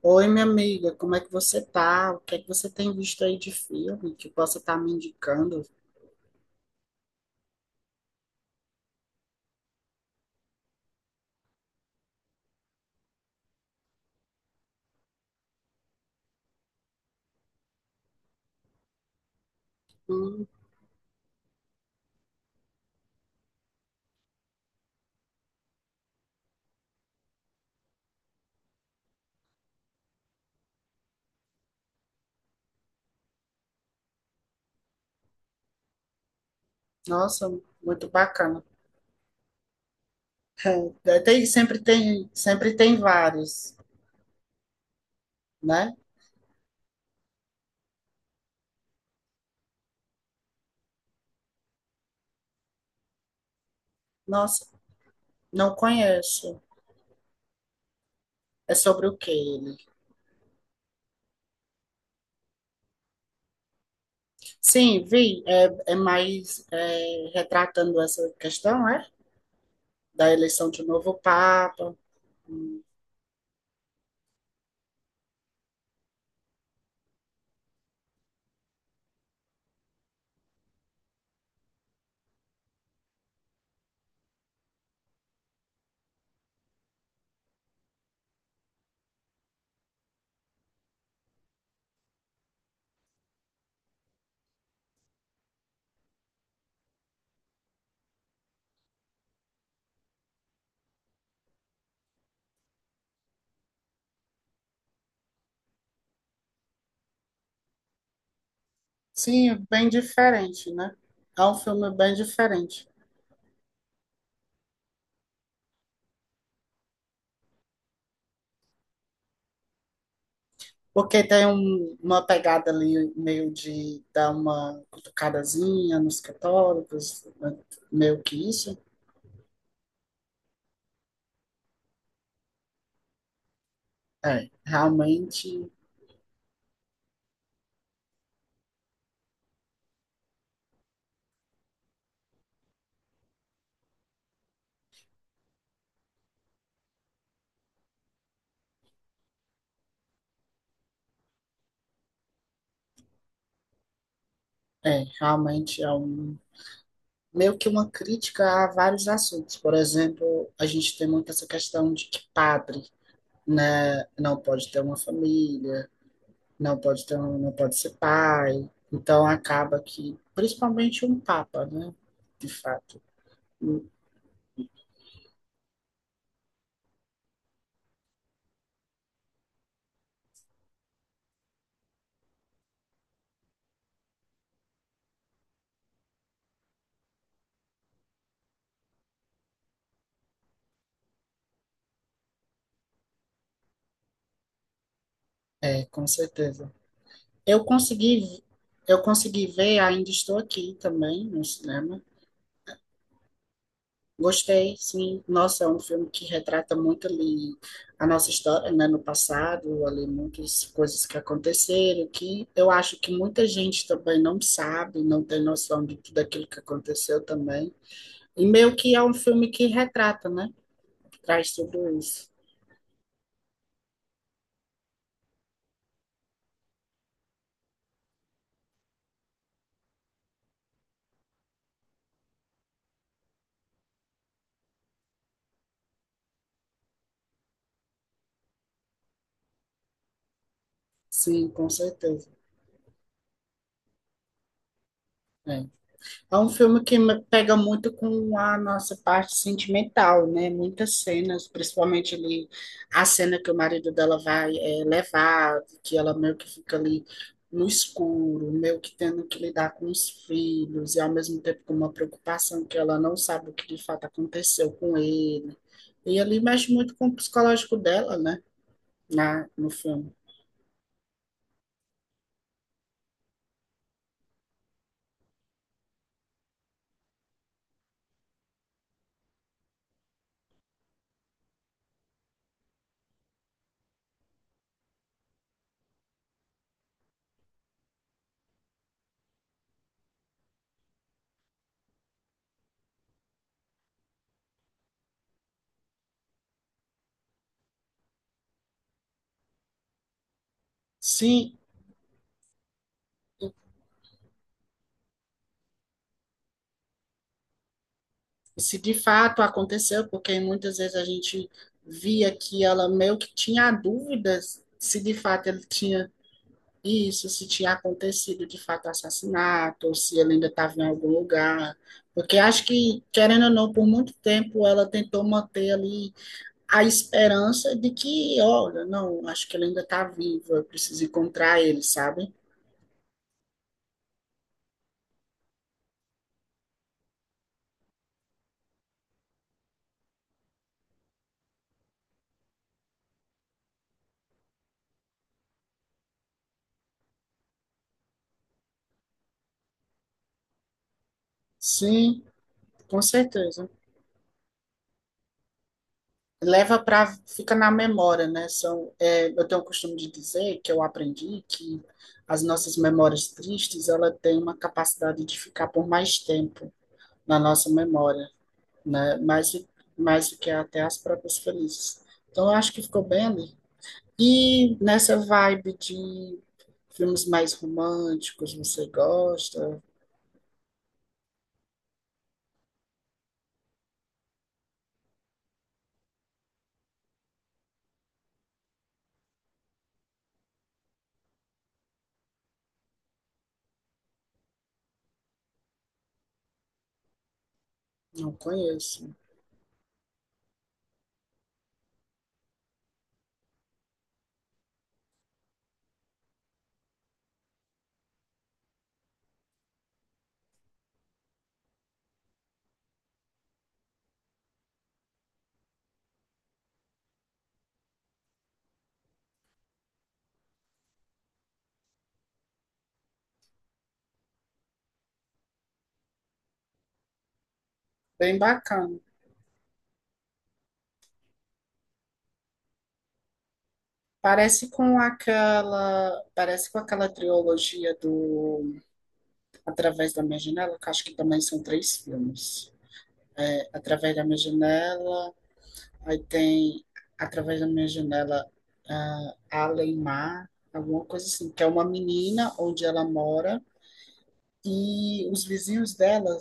Oi, minha amiga, como é que você tá? O que é que você tem visto aí de filme que possa estar me indicando? Hum, nossa, muito bacana. Tem, sempre tem vários, né? Nossa, não conheço. É sobre o que ele? Sim, vi. Retratando essa questão, é? Da eleição de um novo Papa. Hum. Sim, bem diferente, né? É um filme bem diferente. Porque tem uma pegada ali meio de dar uma cutucadazinha nos católicos, né? Meio que isso. É, realmente. É, realmente é um, meio que uma crítica a vários assuntos. Por exemplo, a gente tem muito essa questão de que padre, né, não pode ter uma família, não pode ser pai. Então acaba que, principalmente um papa, né, de fato. É, com certeza. Eu consegui, eu consegui ver, ainda estou aqui também no cinema. Gostei, sim. Nossa, é um filme que retrata muito ali a nossa história, né, no passado, ali muitas coisas que aconteceram, que eu acho que muita gente também não sabe, não tem noção de tudo aquilo que aconteceu também. E meio que é um filme que retrata, né? Traz tudo isso. Sim, com certeza. É. É um filme que me pega muito com a nossa parte sentimental, né? Muitas cenas, principalmente ali a cena que o marido dela vai levar, que ela meio que fica ali no escuro, meio que tendo que lidar com os filhos, e ao mesmo tempo com uma preocupação que ela não sabe o que de fato aconteceu com ele. E ali mexe muito com o psicológico dela, né? No filme. Sim, se de fato aconteceu, porque muitas vezes a gente via que ela meio que tinha dúvidas se de fato ele tinha isso, se tinha acontecido de fato o assassinato, ou se ele ainda estava em algum lugar. Porque acho que, querendo ou não, por muito tempo ela tentou manter ali a esperança de que, olha, não, acho que ele ainda está vivo, eu preciso encontrar ele, sabe? Sim, com certeza. Leva para fica na memória, né? São, é, eu tenho o costume de dizer que eu aprendi que as nossas memórias tristes, ela tem uma capacidade de ficar por mais tempo na nossa memória, né? Mais do que até as próprias felizes. Então eu acho que ficou bem ali. E nessa vibe de filmes mais românticos, você gosta? Não conheço. Bem bacana. Parece com aquela trilogia do Através da Minha Janela, que acho que também são três filmes. É, Através da Minha Janela, aí tem Através da Minha Janela, ah, Além alguma coisa assim, que é uma menina onde ela mora e os vizinhos dela,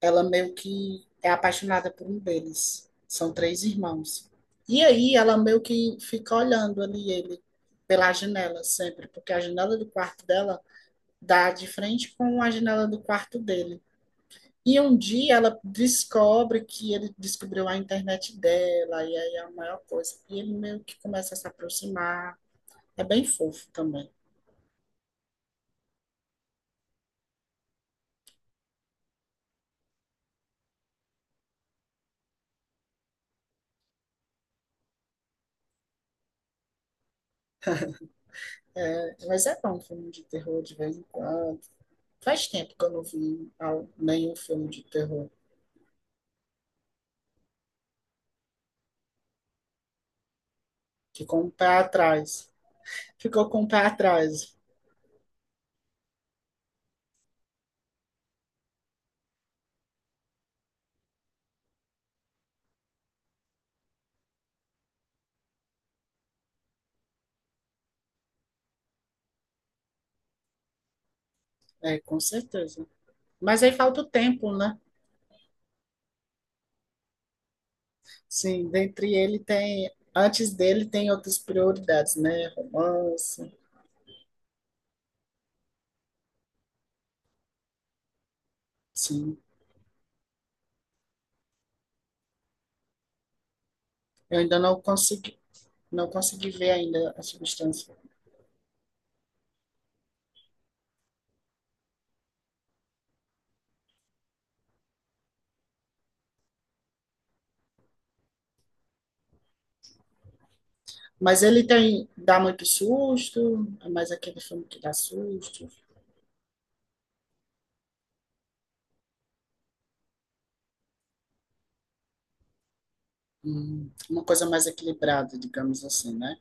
ela meio que é apaixonada por um deles. São três irmãos. E aí ela meio que fica olhando ali ele pela janela sempre, porque a janela do quarto dela dá de frente com a janela do quarto dele. E um dia ela descobre que ele descobriu a internet dela, e aí é a maior coisa. E ele meio que começa a se aproximar. É bem fofo também. É, mas é bom um filme de terror de vez em quando. Faz tempo que eu não vi nenhum filme de terror. Ficou um pé atrás. Ficou com um pé atrás, é, com certeza. Mas aí falta o tempo, né? Sim, dentre ele tem. Antes dele tem outras prioridades, né? Romance, sim. Eu ainda não consigo Não consegui ver ainda a substância. Mas ele tem, dá muito susto, é mais aquele filme que dá susto. Uma coisa mais equilibrada, digamos assim, né?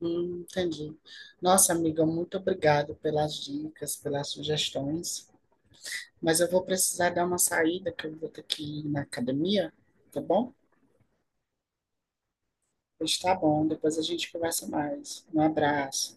Entendi. Nossa, amiga, muito obrigado pelas dicas, pelas sugestões. Mas eu vou precisar dar uma saída, que eu vou ter que ir na academia, tá bom? Pois tá bom, depois a gente conversa mais. Um abraço.